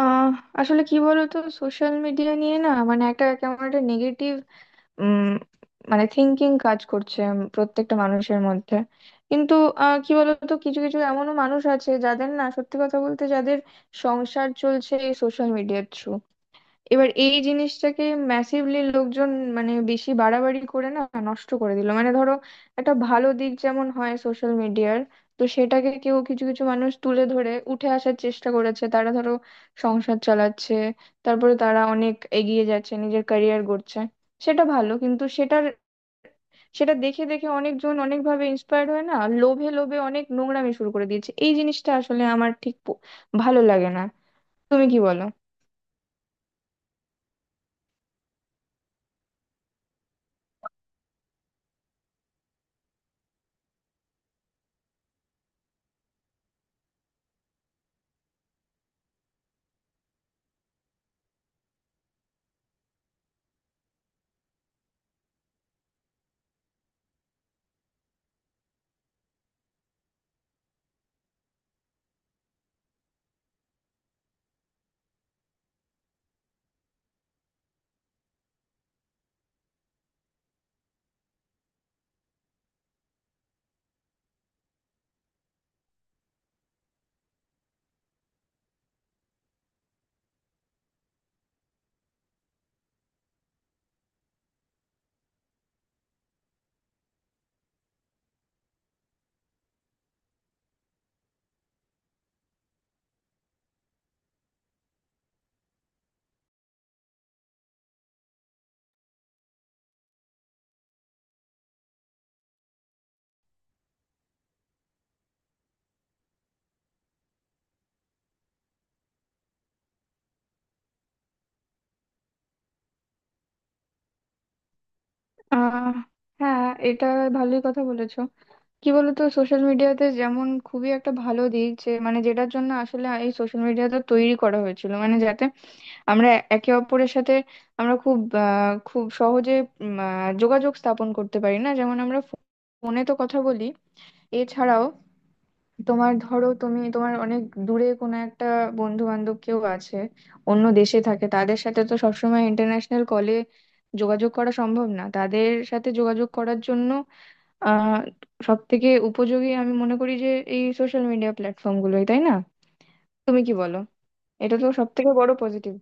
আহ আসলে কি বলতো, সোশ্যাল মিডিয়া নিয়ে না মানে একটা কেমন একটা নেগেটিভ মানে থিঙ্কিং কাজ করছে প্রত্যেকটা মানুষের মধ্যে। কিন্তু কি বলতো, কিছু কিছু এমনও মানুষ আছে যাদের না, সত্যি কথা বলতে, যাদের সংসার চলছে এই সোশ্যাল মিডিয়ার থ্রু। এবার এই জিনিসটাকে ম্যাসিভলি লোকজন মানে বেশি বাড়াবাড়ি করে না নষ্ট করে দিল। মানে ধরো, একটা ভালো দিক যেমন হয় সোশ্যাল মিডিয়ার, তো সেটাকে কেউ কিছু কিছু মানুষ তুলে ধরে উঠে আসার চেষ্টা করেছে, তারা ধরো সংসার চালাচ্ছে, তারপরে তারা অনেক এগিয়ে যাচ্ছে, নিজের ক্যারিয়ার গড়ছে। সেটা ভালো, কিন্তু সেটার, সেটা দেখে দেখে অনেকজন অনেকভাবে ইন্সপায়ার্ড হয় না, লোভে লোভে অনেক নোংরামি শুরু করে দিয়েছে। এই জিনিসটা আসলে আমার ঠিক ভালো লাগে না। তুমি কি বলো? আহ হ্যাঁ, এটা ভালোই কথা বলেছো। কি বলতো, সোশ্যাল মিডিয়াতে যেমন খুবই একটা ভালো দিক, যে মানে যেটার জন্য আসলে এই সোশ্যাল মিডিয়াটা তৈরি করা হয়েছিল, মানে যাতে আমরা একে অপরের সাথে, আমরা খুব খুব সহজে যোগাযোগ স্থাপন করতে পারি না। যেমন আমরা ফোনে তো কথা বলি, এছাড়াও তোমার ধরো, তুমি তোমার অনেক দূরে কোনো একটা বন্ধু বান্ধব কেউ আছে, অন্য দেশে থাকে, তাদের সাথে তো সবসময় ইন্টারন্যাশনাল কলে যোগাযোগ করা সম্ভব না। তাদের সাথে যোগাযোগ করার জন্য আহ সব থেকে উপযোগী আমি মনে করি যে এই সোশ্যাল মিডিয়া প্ল্যাটফর্ম গুলোই, তাই না? তুমি কি বলো? এটা তো সব থেকে বড় পজিটিভ।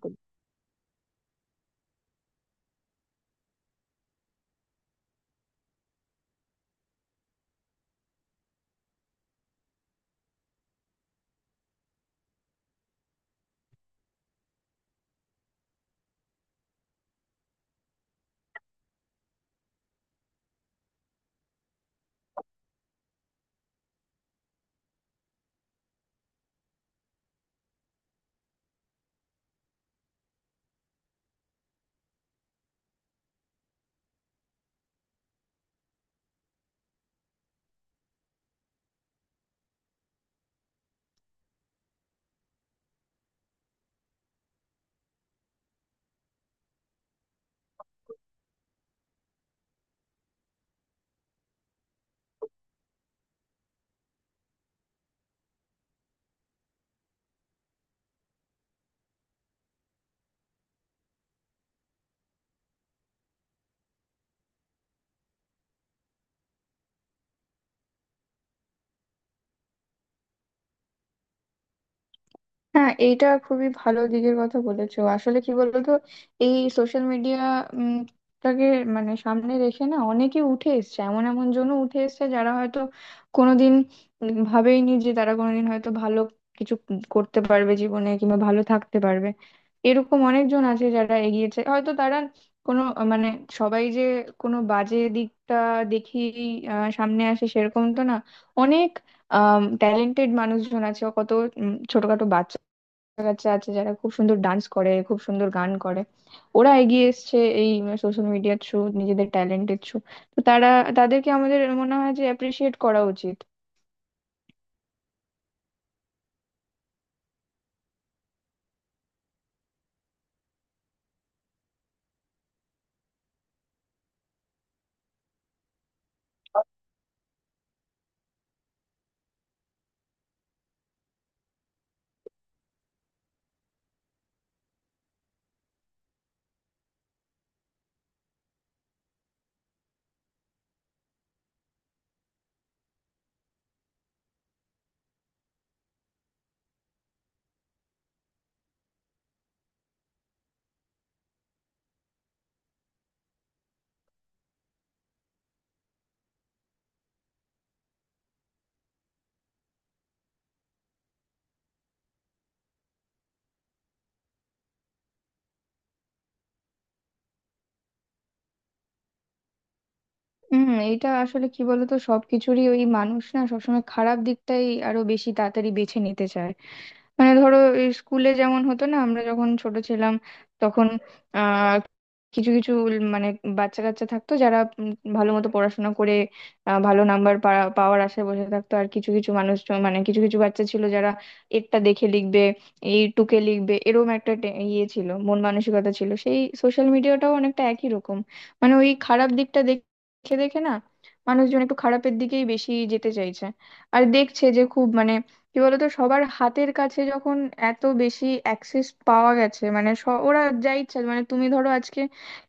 হ্যাঁ, এইটা খুবই ভালো দিকের কথা বলেছো। আসলে কি বলতো, এই সোশ্যাল মিডিয়াটাকে মানে সামনে রেখে না, অনেকে উঠে এসছে, এমন এমন জনও উঠে এসছে যারা হয়তো কোনোদিন ভাবেইনি যে তারা কোনোদিন হয়তো ভালো কিছু করতে পারবে জীবনে, কিংবা ভালো থাকতে পারবে। এরকম অনেকজন আছে যারা এগিয়েছে, হয়তো তারা কোনো মানে সবাই যে কোনো বাজে দিকটা দেখি সামনে আসে, সেরকম তো না। অনেক ট্যালেন্টেড মানুষজন আছে, কত ছোটখাটো বাচ্চা কাছে আছে যারা খুব সুন্দর ডান্স করে, খুব সুন্দর গান করে। ওরা এগিয়ে এসছে এই সোশ্যাল মিডিয়ার থ্রু, নিজেদের ট্যালেন্টের থ্রু। তো তারা, তাদেরকে আমাদের মনে হয় যে অ্যাপ্রিসিয়েট করা উচিত। হুম, এইটা আসলে কি বলতো, সবকিছুরই ওই, মানুষ না সবসময় খারাপ দিকটাই আরো বেশি তাড়াতাড়ি বেছে নিতে চায়। মানে ধরো, এই স্কুলে যেমন হতো না, আমরা যখন ছোট ছিলাম তখন আহ কিছু কিছু মানে বাচ্চা কাচ্চা থাকতো যারা ভালো মতো পড়াশোনা করে ভালো নাম্বার পাওয়ার আশায় বসে থাকতো। আর কিছু কিছু মানুষ মানে কিছু কিছু বাচ্চা ছিল যারা এরটা দেখে লিখবে, এই টুকে লিখবে, এরকম একটা ইয়ে ছিল, মন মানসিকতা ছিল। সেই সোশ্যাল মিডিয়াটাও অনেকটা একই রকম। মানে ওই খারাপ দিকটা দেখে দেখে না মানুষজন একটু খারাপের দিকেই বেশি যেতে চাইছে। আর দেখছে যে খুব মানে কি বলতো, সবার হাতের কাছে যখন এত বেশি অ্যাক্সেস পাওয়া গেছে, মানে ওরা যা ইচ্ছা, মানে তুমি ধরো আজকে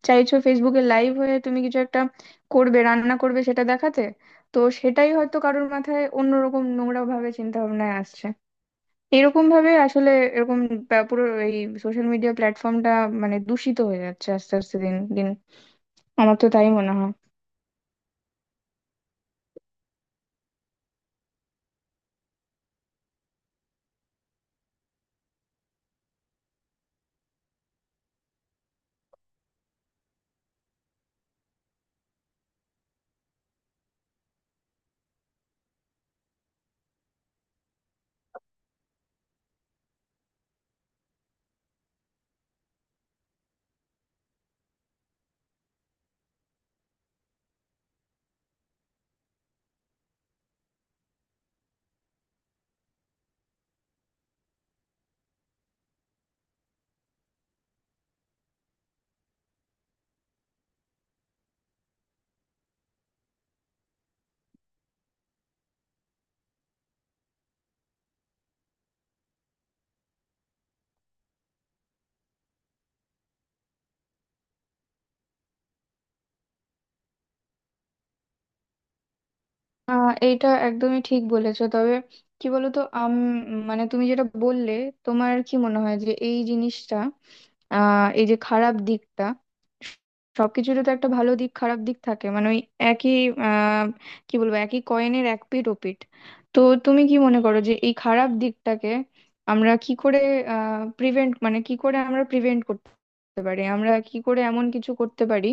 চাইছো ফেসবুকে লাইভ হয়ে তুমি কিছু একটা করবে, রান্না করবে, সেটা দেখাতে, তো সেটাই হয়তো কারোর মাথায় অন্যরকম নোংরা ভাবে চিন্তা ভাবনায় আসছে। এরকম ভাবে আসলে এরকম পুরো এই সোশ্যাল মিডিয়া প্ল্যাটফর্মটা মানে দূষিত হয়ে যাচ্ছে আস্তে আস্তে দিন দিন। আমার তো তাই মনে হয়। এইটা একদমই ঠিক বলেছো। তবে কি বলতো, মানে তুমি যেটা বললে, তোমার কি মনে হয় যে এই জিনিসটা, এই যে খারাপ দিকটা, সবকিছুরই তো একটা ভালো দিক খারাপ দিক থাকে, মানে ওই একই আহ কি বলবো, একই কয়েনের এক পিঠ ও পিঠ। তো তুমি কি মনে করো যে এই খারাপ দিকটাকে আমরা কি করে প্রিভেন্ট, মানে কি করে আমরা প্রিভেন্ট করতে পারি, আমরা কি করে এমন কিছু করতে পারি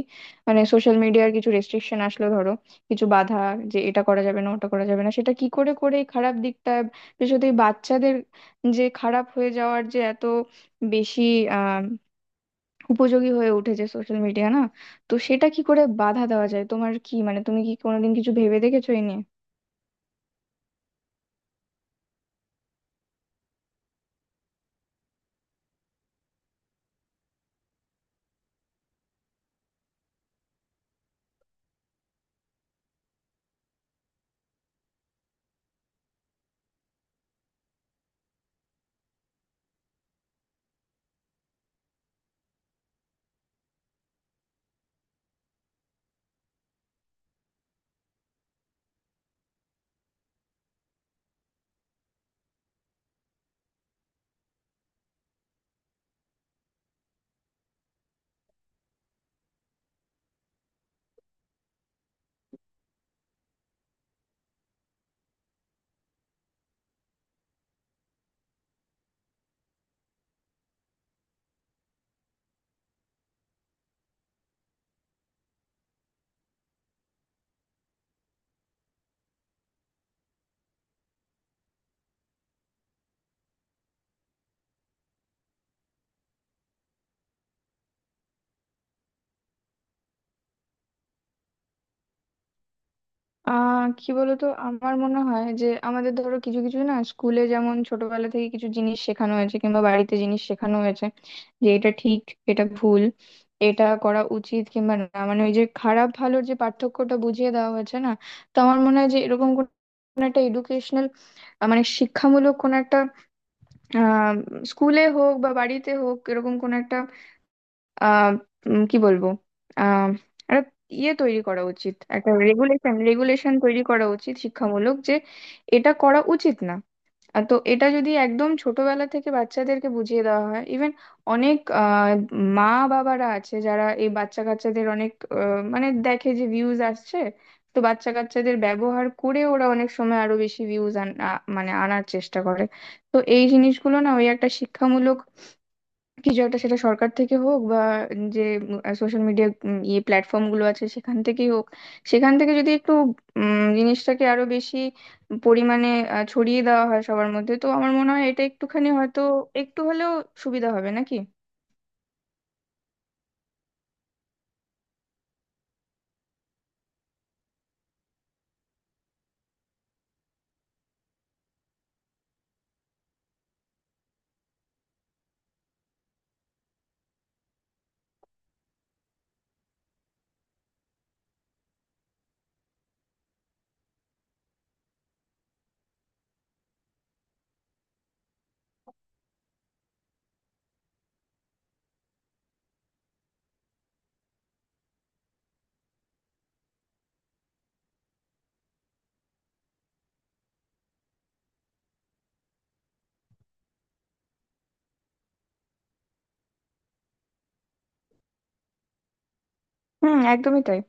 মানে সোশ্যাল মিডিয়ার কিছু রেস্ট্রিকশন আসলো ধরো, কিছু বাধা, যে এটা করা যাবে না ওটা করা যাবে না, সেটা কি করে করে এই খারাপ দিকটা, বিশেষত এই বাচ্চাদের যে খারাপ হয়ে যাওয়ার যে এত বেশি আহ উপযোগী হয়ে উঠেছে সোশ্যাল মিডিয়া না, তো সেটা কি করে বাধা দেওয়া যায়? তোমার কি মানে, তুমি কি কোনোদিন কিছু ভেবে দেখেছো এই নিয়ে? কি বলতো, আমার মনে হয় যে আমাদের ধরো কিছু কিছু না, স্কুলে যেমন ছোটবেলা থেকে কিছু জিনিস শেখানো হয়েছে কিংবা বাড়িতে জিনিস শেখানো হয়েছে যে এটা ঠিক, এটা ভুল, এটা করা উচিত কিংবা না, মানে ওই যে খারাপ ভালোর যে পার্থক্যটা বুঝিয়ে দেওয়া হয়েছে না, তো আমার মনে হয় যে এরকম কোন একটা এডুকেশনাল মানে শিক্ষামূলক কোন একটা, আহ স্কুলে হোক বা বাড়িতে হোক, এরকম কোন একটা আহ কি বলবো, আহ একটা ইয়ে তৈরি করা উচিত, একটা রেগুলেশন, রেগুলেশন তৈরি করা উচিত শিক্ষামূলক, যে এটা করা উচিত না। তো এটা যদি একদম ছোটবেলা থেকে বাচ্চাদেরকে বুঝিয়ে দেওয়া হয়, ইভেন অনেক মা বাবারা আছে যারা এই বাচ্চা কাচ্চাদের অনেক আহ, মানে দেখে যে ভিউজ আসছে, তো বাচ্চা কাচ্চাদের ব্যবহার করে ওরা অনেক সময় আরো বেশি ভিউজ মানে আনার চেষ্টা করে। তো এই জিনিসগুলো না, ওই একটা শিক্ষামূলক কিছু একটা, সেটা সরকার থেকে হোক বা যে সোশ্যাল মিডিয়া ইয়ে প্ল্যাটফর্ম গুলো আছে সেখান থেকেই হোক, সেখান থেকে যদি একটু জিনিসটাকে আরো বেশি পরিমাণে ছড়িয়ে দেওয়া হয় সবার মধ্যে, তো আমার মনে হয় এটা একটুখানি হয়তো একটু হলেও সুবিধা হবে নাকি। হুম, একদমই তাই।